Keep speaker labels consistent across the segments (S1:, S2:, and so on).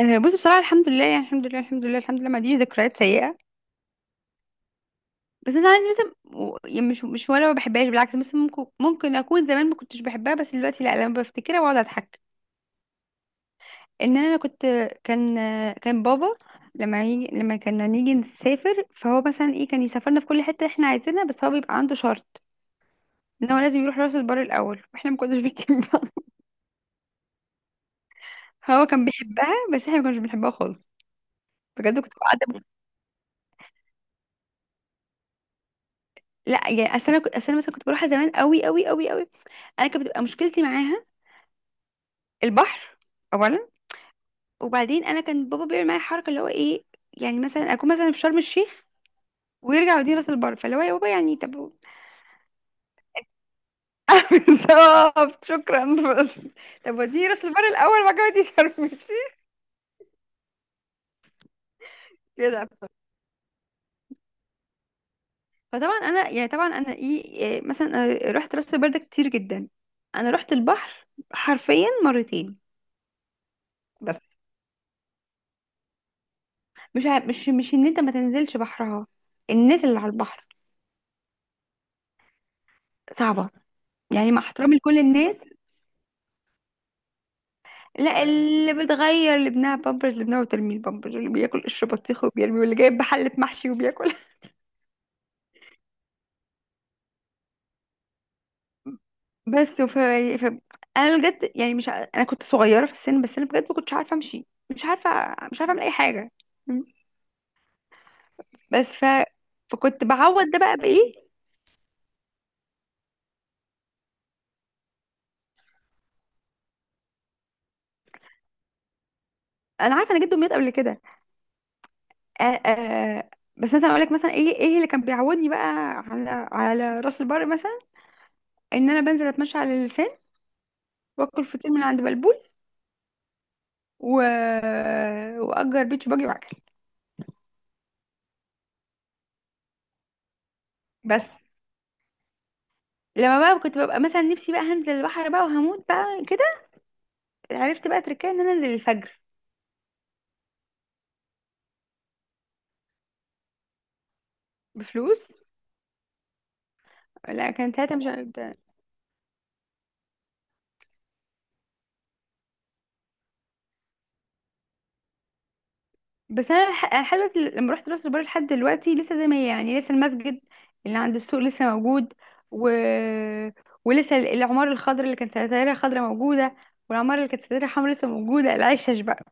S1: آه، بصي بصراحة الحمد لله يعني الحمد لله ما عنديش ذكريات سيئة. بس انا عندي مثلا و- يعني مش مش ولا ما بحبهاش بالعكس، بس ممكن اكون زمان ما كنتش بحبها، بس دلوقتي لا، لما بفتكرها بقعد اضحك. ان انا كنت كان كان بابا لما كنا نيجي نسافر، فهو مثلا ايه كان يسافرنا في كل حتة احنا عايزينها، بس هو بيبقى عنده شرط ان هو لازم يروح راس البر الاول واحنا ما كناش بنحبها. هو كان بيحبها بس احنا ما كناش بنحبها خالص. بجد كنت قاعدة. لا يعني اصل انا كنت اصل انا مثلا كنت بروحها زمان قوي قوي قوي قوي. انا كانت بتبقى مشكلتي معاها البحر اولا، وبعدين انا كان بابا بيعمل معايا حركه اللي هو ايه. يعني مثلا اكون مثلا في شرم الشيخ ويرجع يوديني راس البر، فاللي هو يا بابا يعني طب بالظبط شكرا. بس طب وديني راس البر الاول بعد كده وديني شرم الشيخ. كده. فطبعا انا يعني طبعا انا ايه إيه، مثلا أنا رحت راس البر ده كتير جدا. انا رحت البحر حرفيا مرتين. بس مش ع- مش مش ان انت ما تنزلش بحرها، الناس اللي على البحر صعبه، يعني مع احترامي لكل الناس. لا، اللي بتغير لابنها بامبرز لابنها وترمي البامبرز، اللي بياكل قشر بطيخ وبيرمي، واللي جايب بحلة محشي وبياكل. بس وف... ف... انا بجد يعني مش ع- انا كنت صغيرة في السن، بس انا بجد ما كنتش عارفة امشي، مش عارفة مش عارفة اعمل اي حاجة. م. بس ف... فكنت بعوض ده بقى بايه. انا عارفة انا جده مات قبل كده. آ... آ... بس مثلا اقول لك مثلا ايه ايه اللي كان بيعودني بقى على راس البر مثلا. ان انا بنزل اتمشى على اللسان واكل فطير من عند بلبول و... واجر بيتش باجي واعجل. بس لما بقى كنت ببقى مثلا نفسي بقى هنزل البحر بقى وهموت بقى كده. عرفت بقى تركيا ان انا انزل الفجر بفلوس. لا كانت ساعتها مش عارفة. بس انا لحد دلوقتي لما رحت راس البر لحد دلوقتي لسه زي ما هي، يعني لسه المسجد اللي عند السوق لسه موجود، و... ولسه العمارة الخضراء اللي كانت ستايرها خضراء موجودة، والعمارة اللي كانت ستايرها حمراء لسه موجودة، العشش بقى.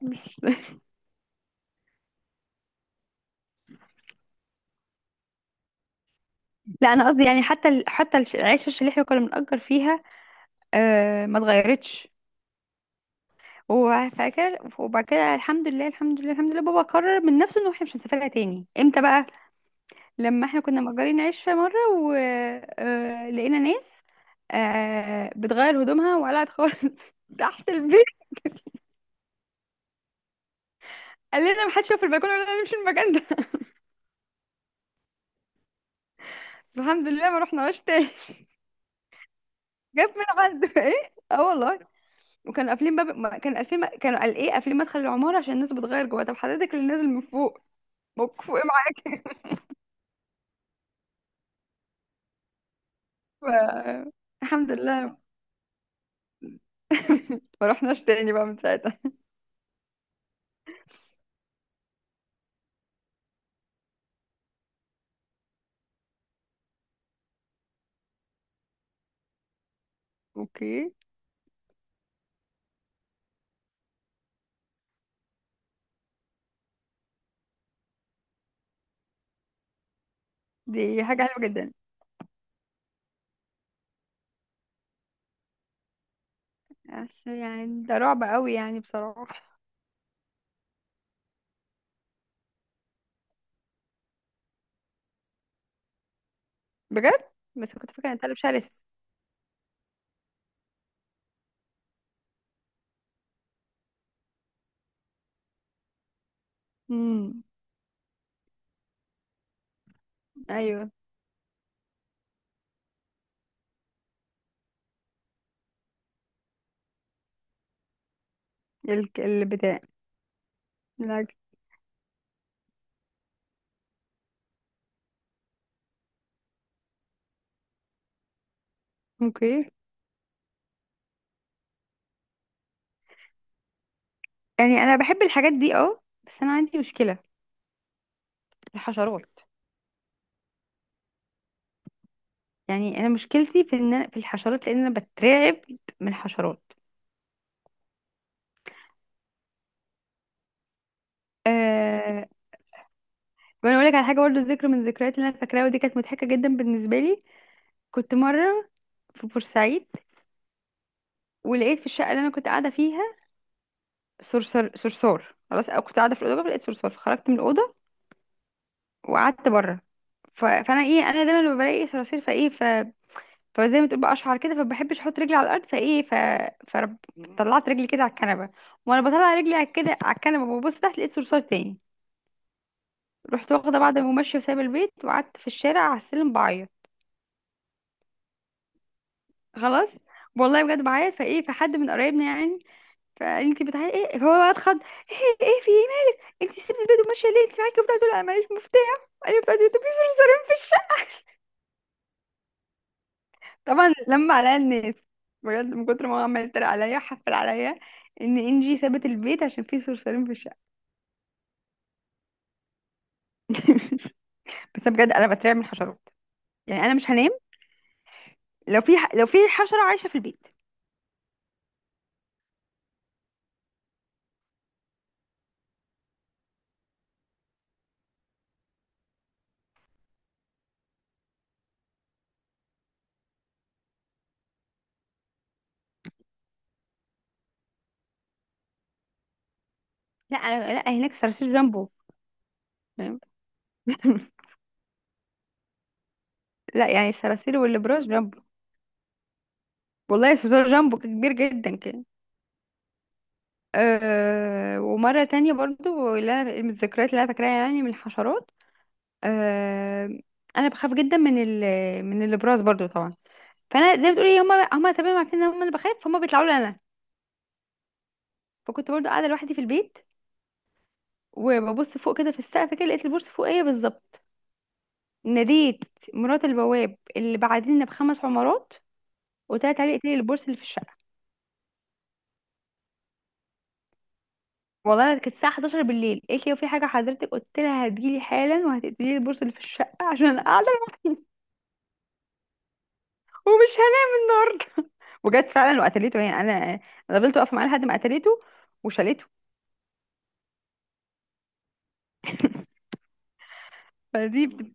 S1: لا انا قصدي يعني حتى العشش اللي احنا كنا بنأجر فيها آه ما اتغيرتش. وفاكر وبعد كده الحمد لله بابا قرر من نفسه انه احنا مش هنسافرها تاني امتى بقى؟ لما احنا كنا مأجرين عشة مرة ولقينا ناس آه، بتغير هدومها وقلعت خالص تحت البيت. قال لنا ما حدش يقف في البلكونه ولا نمشي المكان ده. الحمد لله ما رحناش تاني. جاب من عنده ايه؟ اه والله. وكانوا قافلين باب ما- كان قافلين كانوا قال ايه قافلين مدخل العماره عشان الناس بتغير جوه. طب حضرتك اللي نازل من فوق بوك فوق ايه معاك؟ ف- الحمد لله ما رحناش تاني بقى من ساعتها. اوكي. دي حاجة حلوة جدا. بس يعني ده رعب قوي يعني بصراحة. بجد؟ بس كنت فاكرة ان الكلب شرس. امم، ايوه البتاع. لا. اوكي. يعني انا بحب الحاجات دي اه، بس انا عندي مشكلة في الحشرات. يعني انا مشكلتي في ان في الحشرات لان انا بترعب من الحشرات. أه. وانا اقول لك على حاجه برضه، ذكر من الذكريات اللي انا فاكراها، ودي كانت مضحكه جدا بالنسبه لي. كنت مره في بورسعيد ولقيت في الشقه اللي انا كنت قاعده فيها صرصار. خلاص أنا كنت قاعدة في الأوضة لقيت صرصار فخرجت من الأوضة وقعدت بره. فأنا إيه، أنا دايما لما بلاقي صراصير فزي ما تقول بقى أشعر كده، فبحبش أحط رجلي على الأرض فرب... طلعت رجلي كده على الكنبة، وأنا بطلع رجلي على كده على الكنبة وببص تحت لقيت صرصار تاني. رحت واخدة بعد ما ماشية وسايبة البيت وقعدت في الشارع على السلم بعيط. خلاص، والله بجد بعيط. فحد من قرايبنا يعني، فانت بتعالي ايه هو بقى اتخض؟ ايه ايه في ايه مالك؟ انت سيبت البيت وماشيه ليه؟ انت معاكي بتاع دول؟ انا معيش مفتاح. ايوه بتاع دول، مفيش مصاريف في الشقه. طبعا لما عليا الناس بجد من كتر ما هو عمال يتريق عليا حفل عليا، ان انجي سابت البيت عشان في صرصارين في الشقه. بس بجد انا بترعب من الحشرات. يعني انا مش هنام لو في لو في حشره عايشه في البيت. لا، هناك صراصير جامبو. فاهم؟ لا يعني الصراصير والابراج جامبو. والله صرصار جامبو كبير جدا. أه ومرة تانية برضو من الذكريات اللي أنا فاكراها يعني من الحشرات، أه أنا بخاف جدا من من الإبراز برضو طبعا. فأنا زي ما بتقولي هما هما تمام عارفين إن هما اللي بخاف فهم بيطلعوا لي أنا. فكنت برضو قاعدة لوحدي في البيت، وببص فوق كده في السقف كده لقيت البورصة فوقية بالظبط. ناديت مرات البواب اللي بعدين بخمس عمارات، وطلعت عليه قالت لي البورصة اللي في الشقة؟ والله كانت الساعة 11 بالليل. قالت لي في حاجة حضرتك؟ قلت لها هتجيلي حالا وهتقتلي لي البورصة اللي في الشقة عشان أنا قاعدة ومش وجت فعلا وقتلته، يعني انا انا فضلت واقفه معاه لحد ما قتلته وشالته. فدي بت-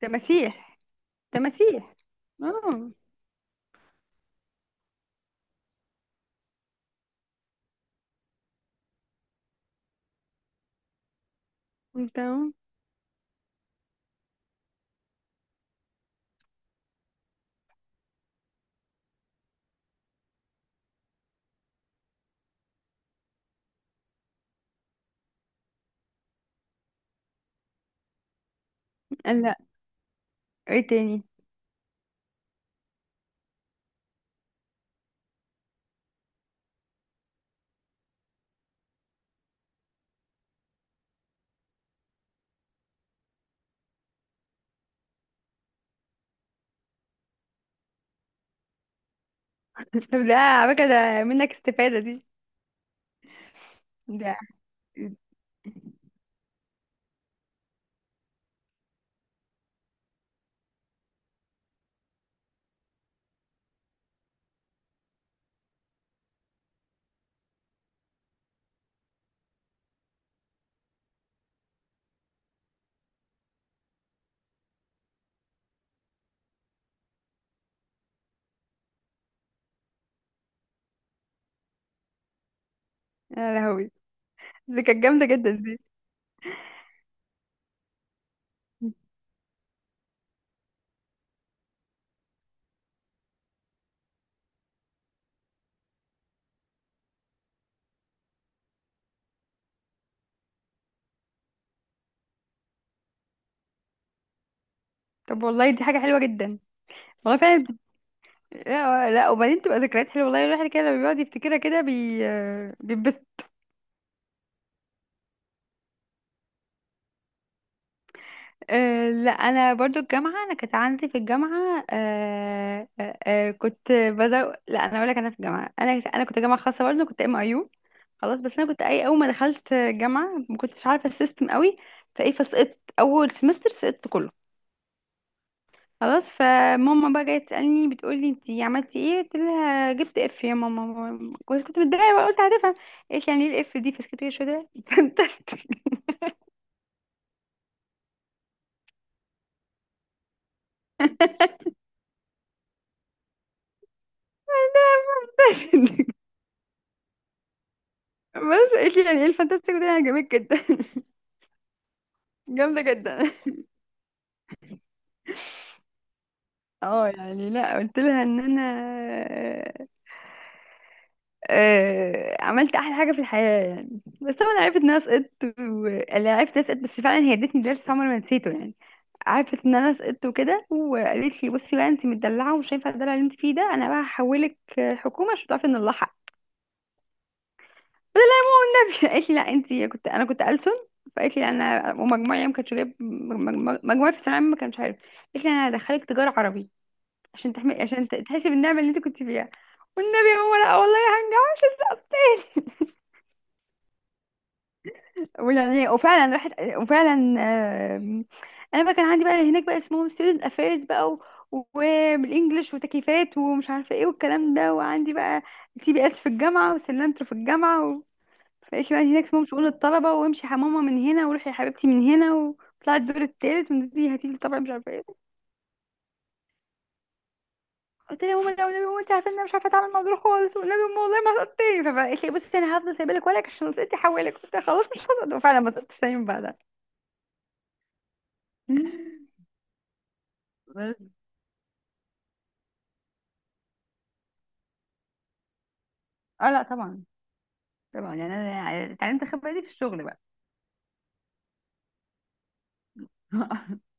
S1: تماسيح. تماسيح. اه. تمام. لا. ايه تاني؟ طب ده على فكره ده منك استفاده دي. ده. يا لهوي، دي كانت جامده جدا دي. طب والله دي حاجه حلوه جدا. والله فعلا بت- لا لا، وبعدين تبقى ذكريات حلوه، والله الواحد كده لما بيقعد يفتكرها كده بي آه، بيتبسط. أه لا انا برضو الجامعه، انا كانت عندي في الجامعه أه أه أه كنت بزو لا انا اقول لك انا في الجامعه انا كنت جامعه خاصه برضو، كنت ام اي يو. خلاص بس انا كنت اي، اول ما دخلت جامعه ما كنتش عارفه السيستم قوي. فسقطت اول سمستر، سقطت كله. خلاص فماما بقى جايه تسالني بتقول لي انت عملتي ايه؟ قلت لها جبت اف يا ماما. كنت متضايقه بقى، قلت هتفهم ايش يعني ايه الاف دي؟ فسكت كده شويه تستك. بس قالت لي يعني ايه الفانتاستيك ده؟ يعني عجبك جدا؟ جامده جدا. اه يعني لا قلت لها ان انا آه، عملت احلى حاجه في الحياه يعني. بس طبعا عرفت ان انا سقطت لا، عرفت ان انا سقطت، بس فعلا هي ادتني درس عمري ما نسيته يعني. عرفت ان انا سقطت وكده، وقالت لي بصي بقى انت مدلعه ومش هينفع الدلع اللي انت فيه ده، انا بقى هحولك حكومه عشان تعرفي ان نلحق. قالت لي لا انت كنت، انا كنت ألسن. فقالت لي انا ومجموعي ما كانش جايب مجموعي في الثانويه العامة ما كانش عارف. قالت لي انا هدخلك تجاره عربي عشان تحمي عشان تحسي بالنعمه اللي انت كنت فيها. والنبي هو لا والله هنجح. ويعني وفعلا راحت وفعلا آم، انا بقى كان عندي بقى هناك بقى اسمهم ستودنت افيرز وبالانجلش وتكييفات ومش عارفه ايه والكلام ده، وعندي بقى تي بي اس في الجامعه وسلنترو في الجامعه. مبقاش بقى هناك اسمهم شؤون الطلبة، وامشي يا ماما من هنا وروحي يا حبيبتي من هنا وطلع الدور التالت ونزلي هاتي لي طبعا مش عارفة ايه. قلت لها يا ماما لا والنبي يا ماما انت عارفة ان انا مش عارفة اتعامل مع دول خالص، والنبي يا ماما والله ما هسقطتني. فقالت لي بصي انا هفضل سايبه لك ورقك عشان لو سقطتي حوالك. قلت لها خلاص مش هسقط، وفعلا ما سقطتش تاني من بعدها. بس اه لا طبعا طبعا. يعني انا اتعلمت الخبرة دي في الشغل بقى.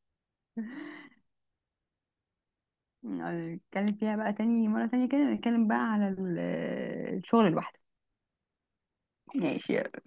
S1: نتكلم فيها بقى تاني مرة تانية كده، نتكلم بقى على الشغل لوحده. ماشي يلا.